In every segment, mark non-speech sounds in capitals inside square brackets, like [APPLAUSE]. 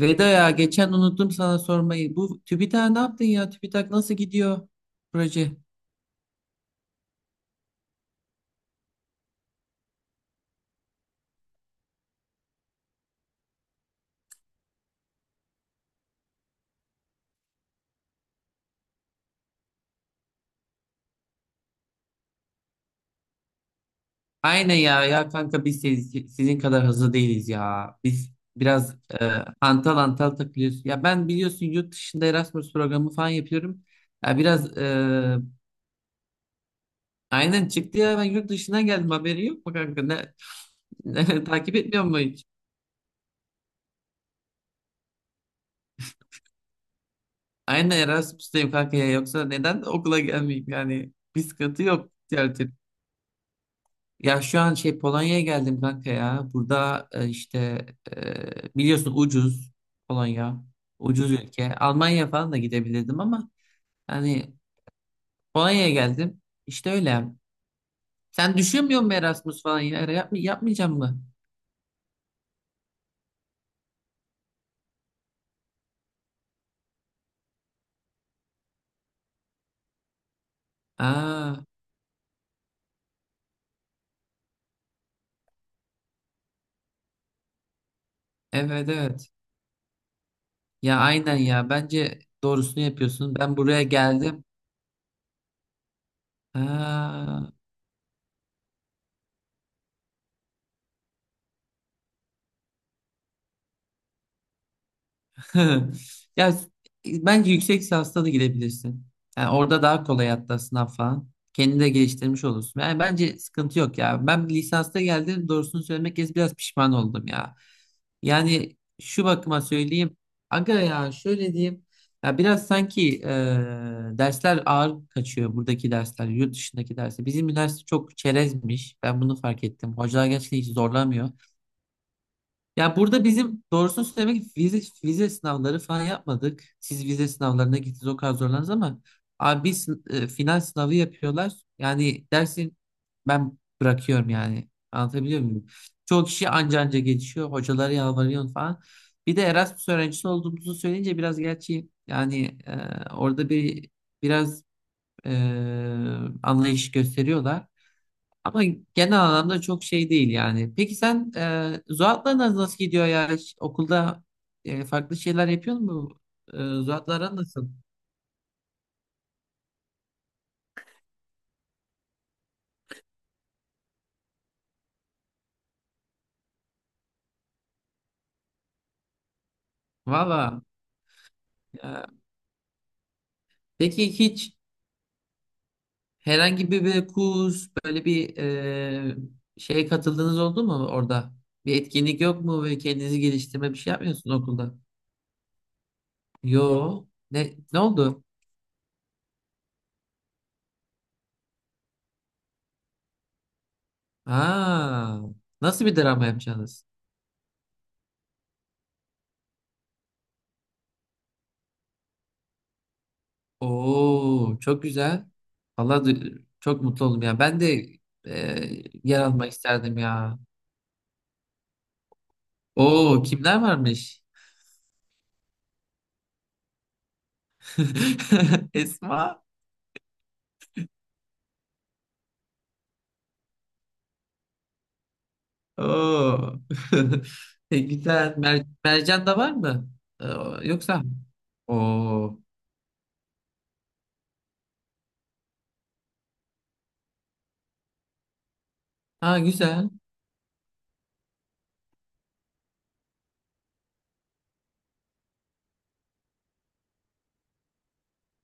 Veda ya, geçen unuttum sana sormayı. Bu TÜBİTAK ne yaptın ya? TÜBİTAK nasıl gidiyor proje? Aynen ya, kanka biz sizin kadar hızlı değiliz ya. Biz biraz antal antal takılıyoruz. Ya ben biliyorsun, yurt dışında Erasmus programı falan yapıyorum. Ya biraz aynen çıktı ya, ben yurt dışına geldim, haberi yok mu kanka? Ne, [LAUGHS] takip etmiyor mu hiç? Aynen Erasmus'tayım kanka ya, yoksa neden okula gelmeyeyim yani? Bir sıkıntı yok. Ya şu an şey, Polonya'ya geldim kanka ya. Burada işte biliyorsun, ucuz Polonya. Ucuz ülke. Almanya falan da gidebilirdim ama hani Polonya'ya geldim. İşte öyle. Sen düşünmüyor musun Erasmus falan ya? Yapma, yapmayacağım mı? Aa, evet evet. Ya aynen ya. Bence doğrusunu yapıyorsun. Ben buraya geldim. Ha. [LAUGHS] Ya bence yüksek lisansta da gidebilirsin. Yani orada daha kolay hatta sınav falan. Kendini de geliştirmiş olursun. Yani bence sıkıntı yok ya. Ben lisansta geldim, doğrusunu söylemek gerekirse biraz pişman oldum ya. Yani şu bakıma söyleyeyim. Aga ya, şöyle diyeyim. Ya biraz sanki dersler ağır kaçıyor, buradaki dersler, yurt dışındaki dersler. Bizim üniversite çok çerezmiş. Ben bunu fark ettim. Hocalar gerçekten hiç zorlamıyor. Ya burada bizim doğrusunu söylemek vize sınavları falan yapmadık. Siz vize sınavlarına gittiniz, o kadar zorlandınız ama abi biz final sınavı yapıyorlar. Yani dersin ben bırakıyorum yani. Anlatabiliyor muyum? Çoğu kişi anca anca geçiyor. Hocalara yalvarıyor falan. Bir de Erasmus öğrencisi olduğumuzu söyleyince biraz, gerçi yani, orada bir biraz e, anlayış gösteriyorlar. Ama genel anlamda çok şey değil yani. Peki sen, Zuhat'la nasıl gidiyor ya? Hiç okulda farklı şeyler yapıyor mu? E, Zuhat'la aran nasıl? Valla. e, peki hiç herhangi bir kurs, böyle bir şeye katıldığınız oldu mu orada? Bir etkinlik yok mu? Ve kendinizi geliştirme bir şey yapmıyorsunuz okulda? Yo. Ne oldu? Aa, nasıl bir drama yapacaksınız? Oo, çok güzel. Vallahi çok mutlu oldum ya. Ben de e, yer almak isterdim ya. Oo, kimler varmış? [LAUGHS] Esma. Oo. [LAUGHS] Güzel. Mercan da var mı? Yoksa? Oo. Ha, güzel.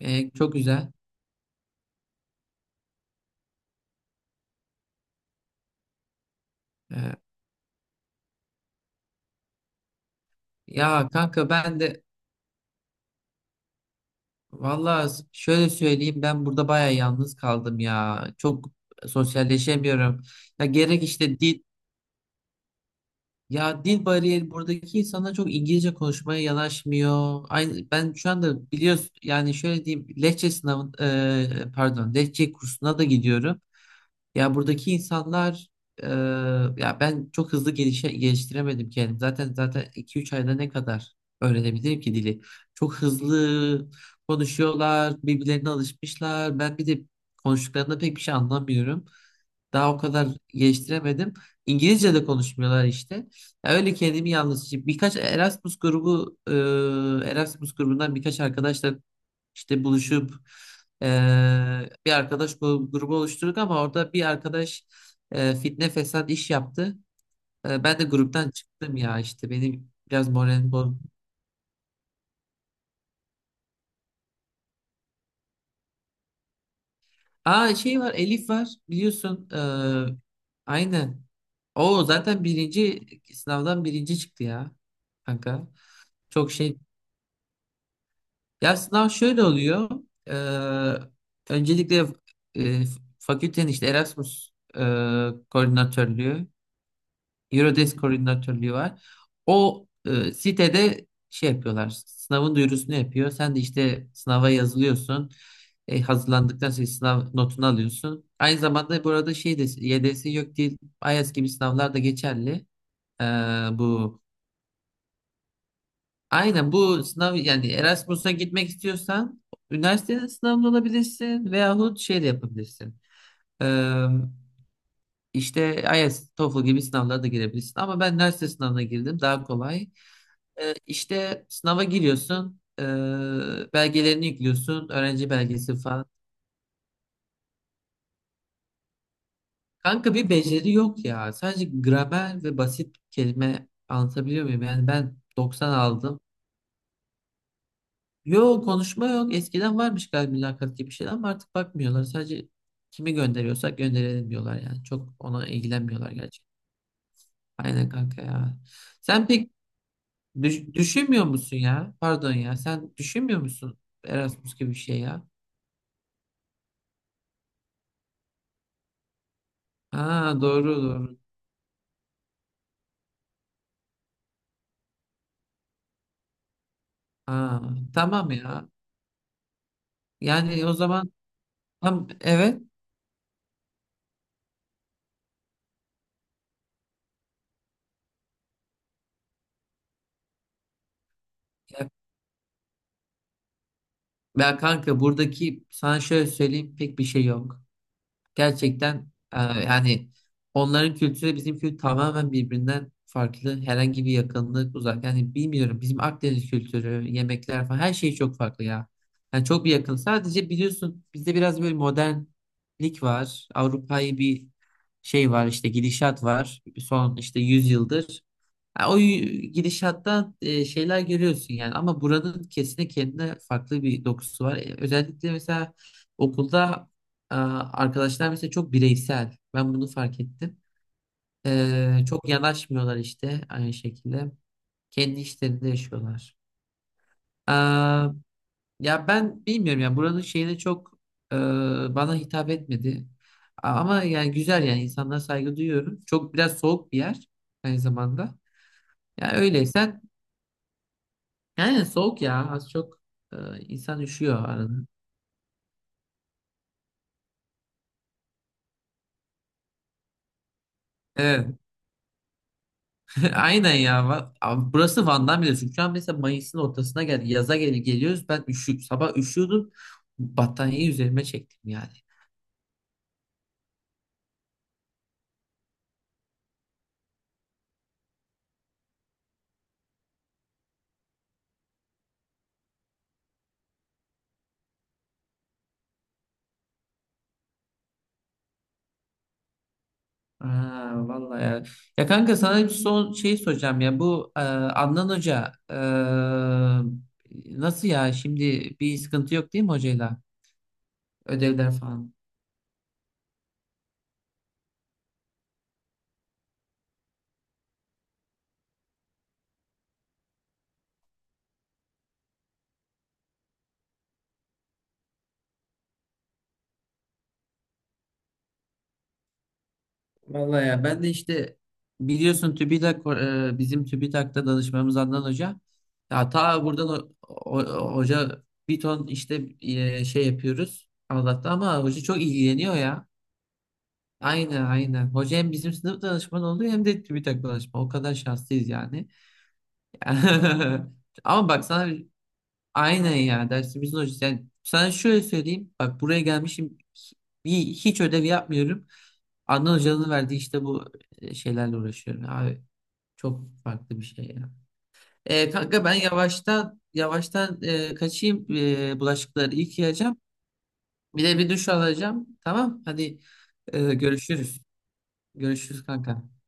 Çok güzel. E, Ya kanka, ben de vallahi şöyle söyleyeyim, ben burada bayağı yalnız kaldım ya. Çok sosyalleşemiyorum. Ya gerek işte dil. Ya, dil bariyeri, buradaki insanlar çok İngilizce konuşmaya yanaşmıyor. Aynı ben şu anda biliyorsun, yani şöyle diyeyim, Lehçe sınavı, pardon, Lehçe kursuna da gidiyorum. Ya buradaki insanlar, e, ya ben çok hızlı geliştiremedim kendim. Zaten iki üç ayda ne kadar öğrenebilirim ki dili? Çok hızlı konuşuyorlar, birbirlerine alışmışlar. Ben bir de konuştuklarında pek bir şey anlamıyorum. Daha o kadar geliştiremedim. İngilizce de konuşmuyorlar işte. Ya öyle kendimi yalnız, işte birkaç Erasmus grubu, Erasmus grubundan birkaç arkadaşla işte buluşup e, bir arkadaş grubu oluşturduk ama orada bir arkadaş fitne fesat iş yaptı. E, ben de gruptan çıktım ya, işte benim biraz moralim bozdu. Aa, şey var, Elif var biliyorsun. Aynen. O zaten birinci, sınavdan birinci çıktı ya kanka. Çok şey. Ya sınav şöyle oluyor. Ee, Öncelikle e, fakültenin işte Erasmus koordinatörlüğü, Eurodesk koordinatörlüğü var. O sitede şey yapıyorlar. Sınavın duyurusunu yapıyor. Sen de işte sınava yazılıyorsun. E, hazırlandıktan sonra sınav notunu alıyorsun. Aynı zamanda burada şey de, YDS yok değil. IELTS gibi sınavlar da geçerli. Ee, bu Aynen, bu sınav yani, Erasmus'a gitmek istiyorsan üniversitenin sınavında olabilirsin veyahut şey de yapabilirsin. Ee, işte IELTS, TOEFL gibi sınavlara da girebilirsin. Ama ben üniversite sınavına girdim, daha kolay. İşte sınava giriyorsun, belgelerini yüklüyorsun, öğrenci belgesi falan. Kanka bir beceri yok ya. Sadece gramer ve basit kelime, anlatabiliyor muyum? Yani ben 90 aldım. Yok, konuşma yok. Eskiden varmış galiba, mülakat gibi şeyler, ama artık bakmıyorlar. Sadece kimi gönderiyorsak gönderelim diyorlar yani. Çok ona ilgilenmiyorlar gerçekten. Aynen kanka ya. Sen pek düşünmüyor musun ya? Pardon ya. Sen düşünmüyor musun Erasmus gibi bir şey ya? Ha, doğru doğru. Ha, tamam ya. Yani o zaman, tam evet. Ya, Ya kanka, buradaki, sana şöyle söyleyeyim, pek bir şey yok. Gerçekten, yani onların kültürü, bizim kültür tamamen birbirinden farklı. Herhangi bir yakınlık, uzak. Yani bilmiyorum, bizim Akdeniz kültürü, yemekler falan, her şey çok farklı ya. Yani çok bir yakın. Sadece biliyorsun bizde biraz böyle modernlik var. Avrupa'yı bir, şey var işte, gidişat var. Son işte 100 yıldır. Ha, gidişattan şeyler görüyorsun yani, ama buranın kesinlikle kendine farklı bir dokusu var. E, özellikle mesela okulda arkadaşlar mesela çok bireysel. Ben bunu fark ettim. Çok yanaşmıyorlar işte aynı şekilde. Kendi işlerinde yaşıyorlar. Ee, Ya ben bilmiyorum ya, buranın şeyine çok, e, bana hitap etmedi. Ama yani güzel, yani insanlara saygı duyuyorum. Çok, biraz soğuk bir yer aynı zamanda. Ya öyleysen yani, soğuk ya az çok, insan üşüyor arada. Evet. [LAUGHS] Aynen ya. Abi, burası Van Damme biliyorsun. Şu an mesela Mayıs'ın ortasına geldi. Yaza geliyoruz. Ben sabah üşüyordum. Battaniyeyi üzerime çektim yani. Aa, vallahi ya. Ya kanka, sana bir son şey soracağım ya. Bu Adnan Hoca nasıl ya? Şimdi bir sıkıntı yok değil mi hocayla? Ödevler falan. Vallahi ya, ben de işte biliyorsun TÜBİTAK, bizim TÜBİTAK'ta danışmamız Adnan Hoca. Ya ta buradan hoca bir ton işte şey yapıyoruz Allah'ta, ama hoca çok ilgileniyor ya. Aynen aynen. Hoca hem bizim sınıf danışmanı oluyor hem de TÜBİTAK danışmanı. O kadar şanslıyız yani. [LAUGHS] Ama bak sana, aynen ya, dersimizin hocası. Yani sana şöyle söyleyeyim. Bak, buraya gelmişim. Bir, hiç ödev yapmıyorum. Adnan Hoca'nın verdiği işte bu şeylerle uğraşıyorum. Abi, çok farklı bir şey ya. E, kanka ben yavaştan yavaştan kaçayım. E, bulaşıkları yıkayacağım. Bir de bir duş alacağım. Tamam. Hadi görüşürüz. Görüşürüz kanka.